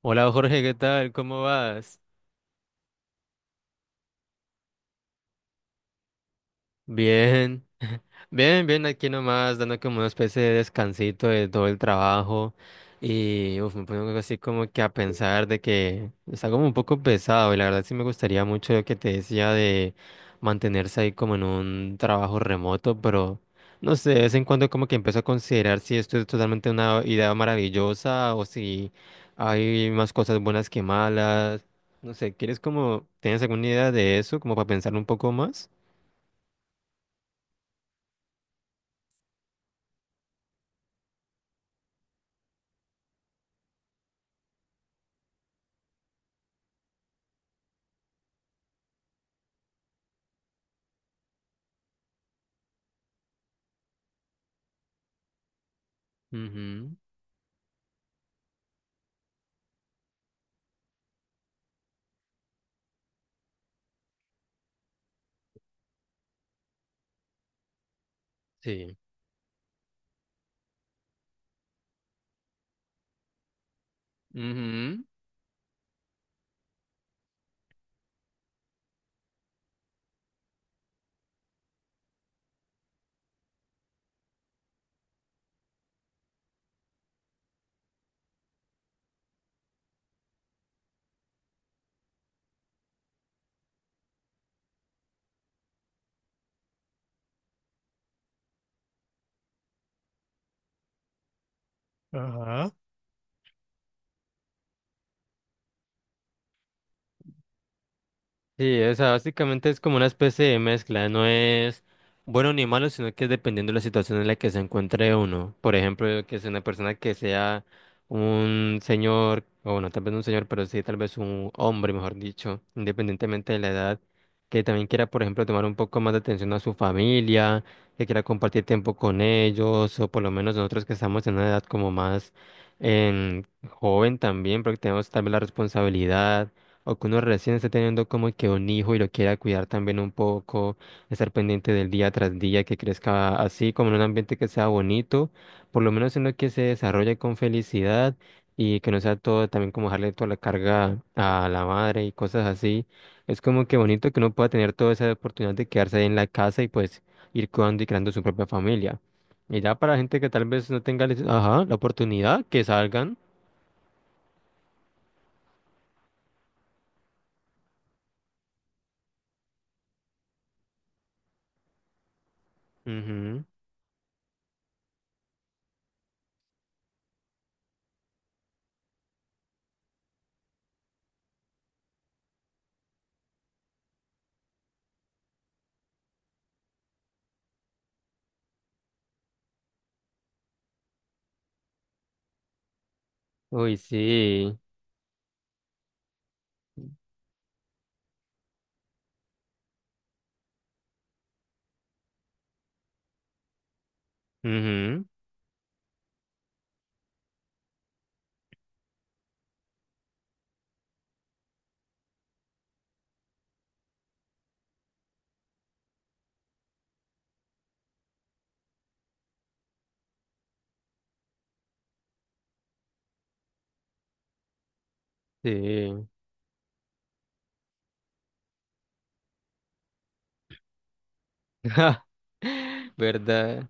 Hola Jorge, ¿qué tal? ¿Cómo vas? Bien, bien, aquí nomás, dando como una especie de descansito de todo el trabajo y uf, me pongo así como que a pensar de que está como un poco pesado y la verdad sí me gustaría mucho lo que te decía de mantenerse ahí como en un trabajo remoto, pero no sé, de vez en cuando como que empiezo a considerar si esto es totalmente una idea maravillosa o si hay más cosas buenas que malas, no sé, ¿quieres como, tienes alguna idea de eso como para pensar un poco más? Sí. Ujú. Ajá. Sí, o sea, básicamente es como una especie de mezcla, no es bueno ni malo, sino que es dependiendo de la situación en la que se encuentre uno. Por ejemplo, que sea una persona que sea un señor, o bueno, tal vez no un señor, pero sí tal vez un hombre, mejor dicho, independientemente de la edad, que también quiera, por ejemplo, tomar un poco más de atención a su familia, que quiera compartir tiempo con ellos, o por lo menos nosotros que estamos en una edad como más em, joven también, porque tenemos también la responsabilidad. O que uno recién esté teniendo como que un hijo y lo quiera cuidar también un poco, estar pendiente del día tras día, que crezca así, como en un ambiente que sea bonito, por lo menos en lo que se desarrolle con felicidad y que no sea todo también como dejarle toda la carga a la madre y cosas así. Es como que bonito que uno pueda tener toda esa oportunidad de quedarse ahí en la casa y pues ir cuidando y creando su propia familia. Y ya para la gente que tal vez no tenga, ajá, la oportunidad, que salgan. Ujú. Uy, sí. Ujú. Sí. ¿Verdad?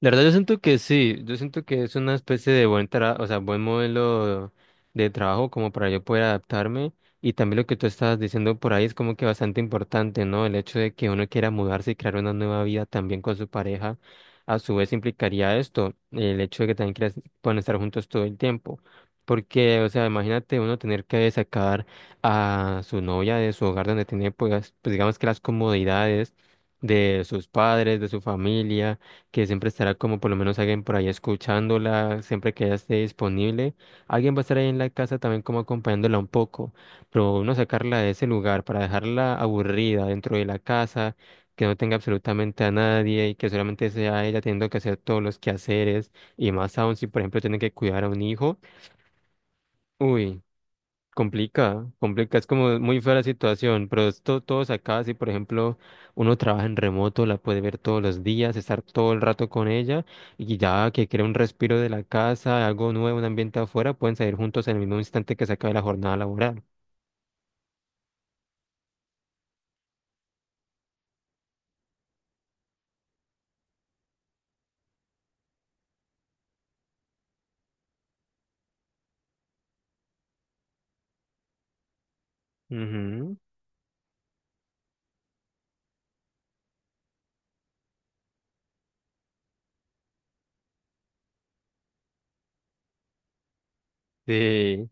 La verdad yo siento que sí, yo siento que es una especie de o sea, buen modelo de trabajo como para yo poder adaptarme, y también lo que tú estabas diciendo por ahí es como que bastante importante, ¿no? El hecho de que uno quiera mudarse y crear una nueva vida también con su pareja, a su vez implicaría esto, el hecho de que también quieras, puedan estar juntos todo el tiempo. Porque, o sea, imagínate uno tener que sacar a su novia de su hogar donde tiene, pues digamos que las comodidades de sus padres, de su familia que siempre estará como por lo menos alguien por ahí escuchándola, siempre que ella esté disponible. Alguien va a estar ahí en la casa también como acompañándola un poco, pero no sacarla de ese lugar para dejarla aburrida dentro de la casa, que no tenga absolutamente a nadie y que solamente sea ella teniendo que hacer todos los quehaceres y más aún si por ejemplo tiene que cuidar a un hijo. Uy. Complica, complica, es como muy fea la situación, pero esto todos acá, si por ejemplo uno trabaja en remoto, la puede ver todos los días, estar todo el rato con ella y ya que quiere un respiro de la casa, algo nuevo, un ambiente afuera, pueden salir juntos en el mismo instante que se acabe la jornada laboral. Ujú, sí.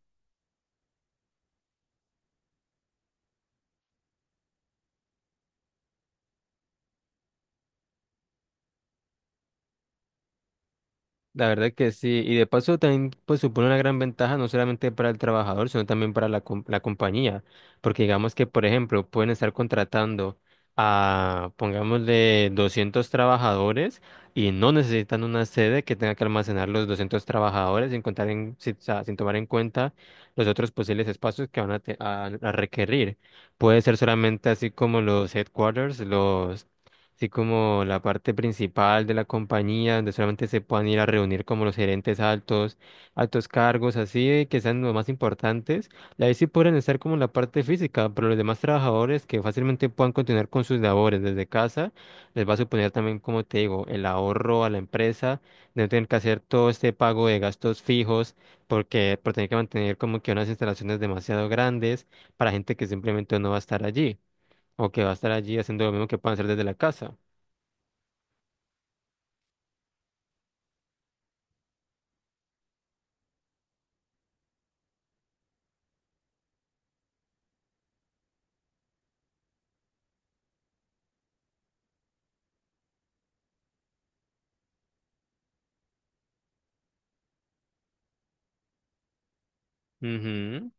La verdad que sí, y de paso también pues supone una gran ventaja no solamente para el trabajador, sino también para la compañía, porque digamos que por ejemplo pueden estar contratando a pongámosle 200 trabajadores y no necesitan una sede que tenga que almacenar los 200 trabajadores sin contar en, si- o sea, sin tomar en cuenta los otros posibles espacios que van a requerir. Puede ser solamente así como los headquarters, así como la parte principal de la compañía, donde solamente se puedan ir a reunir como los gerentes altos, altos cargos, así de que sean los más importantes. Y ahí sí pueden estar como en la parte física, pero los demás trabajadores que fácilmente puedan continuar con sus labores desde casa, les va a suponer también, como te digo, el ahorro a la empresa, de no tener que hacer todo este pago de gastos fijos, porque por tener que mantener como que unas instalaciones demasiado grandes para gente que simplemente no va a estar allí. O que va a estar allí haciendo lo mismo que puedan hacer desde la casa. Ujú.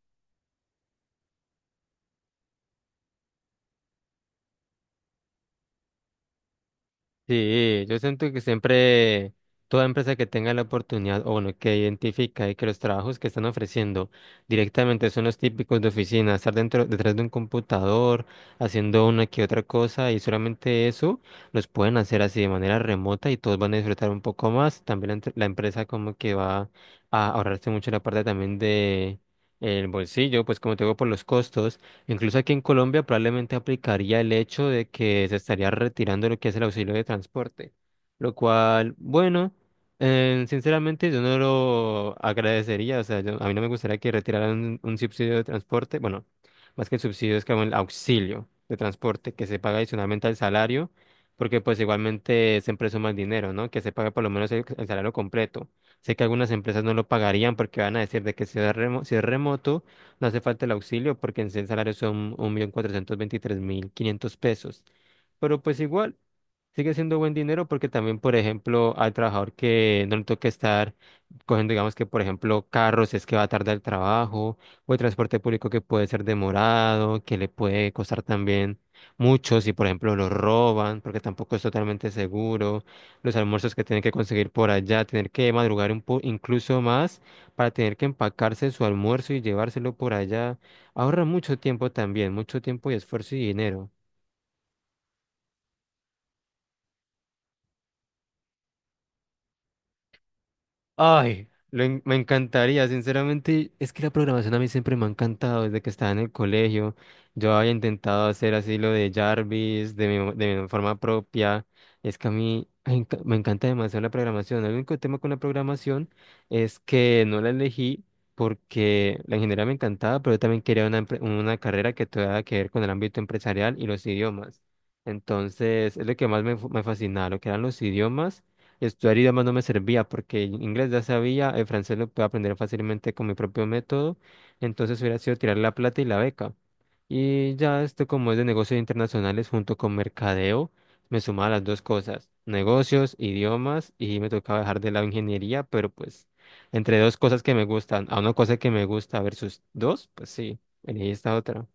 Sí, yo siento que siempre toda empresa que tenga la oportunidad, o bueno, que identifica y que los trabajos que están ofreciendo directamente son los típicos de oficina, estar dentro, detrás de un computador, haciendo una que otra cosa, y solamente eso, los pueden hacer así de manera remota y todos van a disfrutar un poco más. También la empresa como que va a ahorrarse mucho la parte también de el bolsillo, pues como te digo, por los costos. Incluso aquí en Colombia probablemente aplicaría el hecho de que se estaría retirando lo que es el auxilio de transporte, lo cual, bueno, sinceramente yo no lo agradecería, o sea, a mí no me gustaría que retiraran un subsidio de transporte, bueno, más que el subsidio es como el auxilio de transporte que se paga adicionalmente al salario, porque pues igualmente siempre es más dinero, ¿no? Que se pague por lo menos el salario completo. Sé que algunas empresas no lo pagarían porque van a decir de que si es si es remoto no hace falta el auxilio porque en sí el salario son 1.423.500 pesos. Pero pues igual, sigue siendo buen dinero porque también, por ejemplo, al trabajador que no le toca estar cogiendo, digamos que, por ejemplo, carros si es que va tarde al trabajo o el transporte público que puede ser demorado, que le puede costar también mucho si, por ejemplo, lo roban porque tampoco es totalmente seguro, los almuerzos que tienen que conseguir por allá, tener que madrugar un po incluso más para tener que empacarse su almuerzo y llevárselo por allá. Ahorra mucho tiempo también, mucho tiempo y esfuerzo y dinero. Ay, me encantaría, sinceramente, es que la programación a mí siempre me ha encantado desde que estaba en el colegio. Yo había intentado hacer así lo de Jarvis de de mi forma propia. Es que a mí ay, me encanta demasiado la programación. El único tema con la programación es que no la elegí porque la ingeniería me encantaba, pero yo también quería una carrera que tuviera que ver con el ámbito empresarial y los idiomas. Entonces, es lo que más me fascinaba, lo que eran los idiomas. Estudiar idiomas no me servía porque el inglés ya sabía, el francés lo puedo aprender fácilmente con mi propio método, entonces hubiera sido tirar la plata y la beca. Y ya esto como es de negocios internacionales junto con mercadeo, me sumaba las dos cosas, negocios, idiomas y me tocaba dejar de lado ingeniería, pero pues entre dos cosas que me gustan, a una cosa que me gusta versus dos, pues sí, elegí esta otra.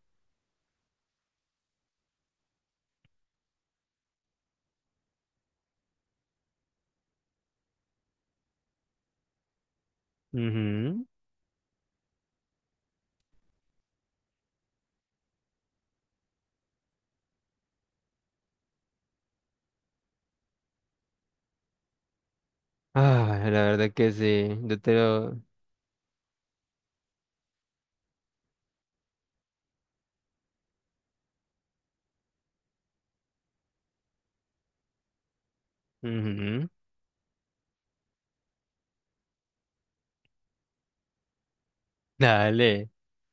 Ujú. Ah, la verdad que sí, yo te lo... Ujú. Dale.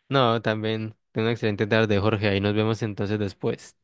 No, también. Ten una excelente tarde, Jorge. Ahí nos vemos entonces después.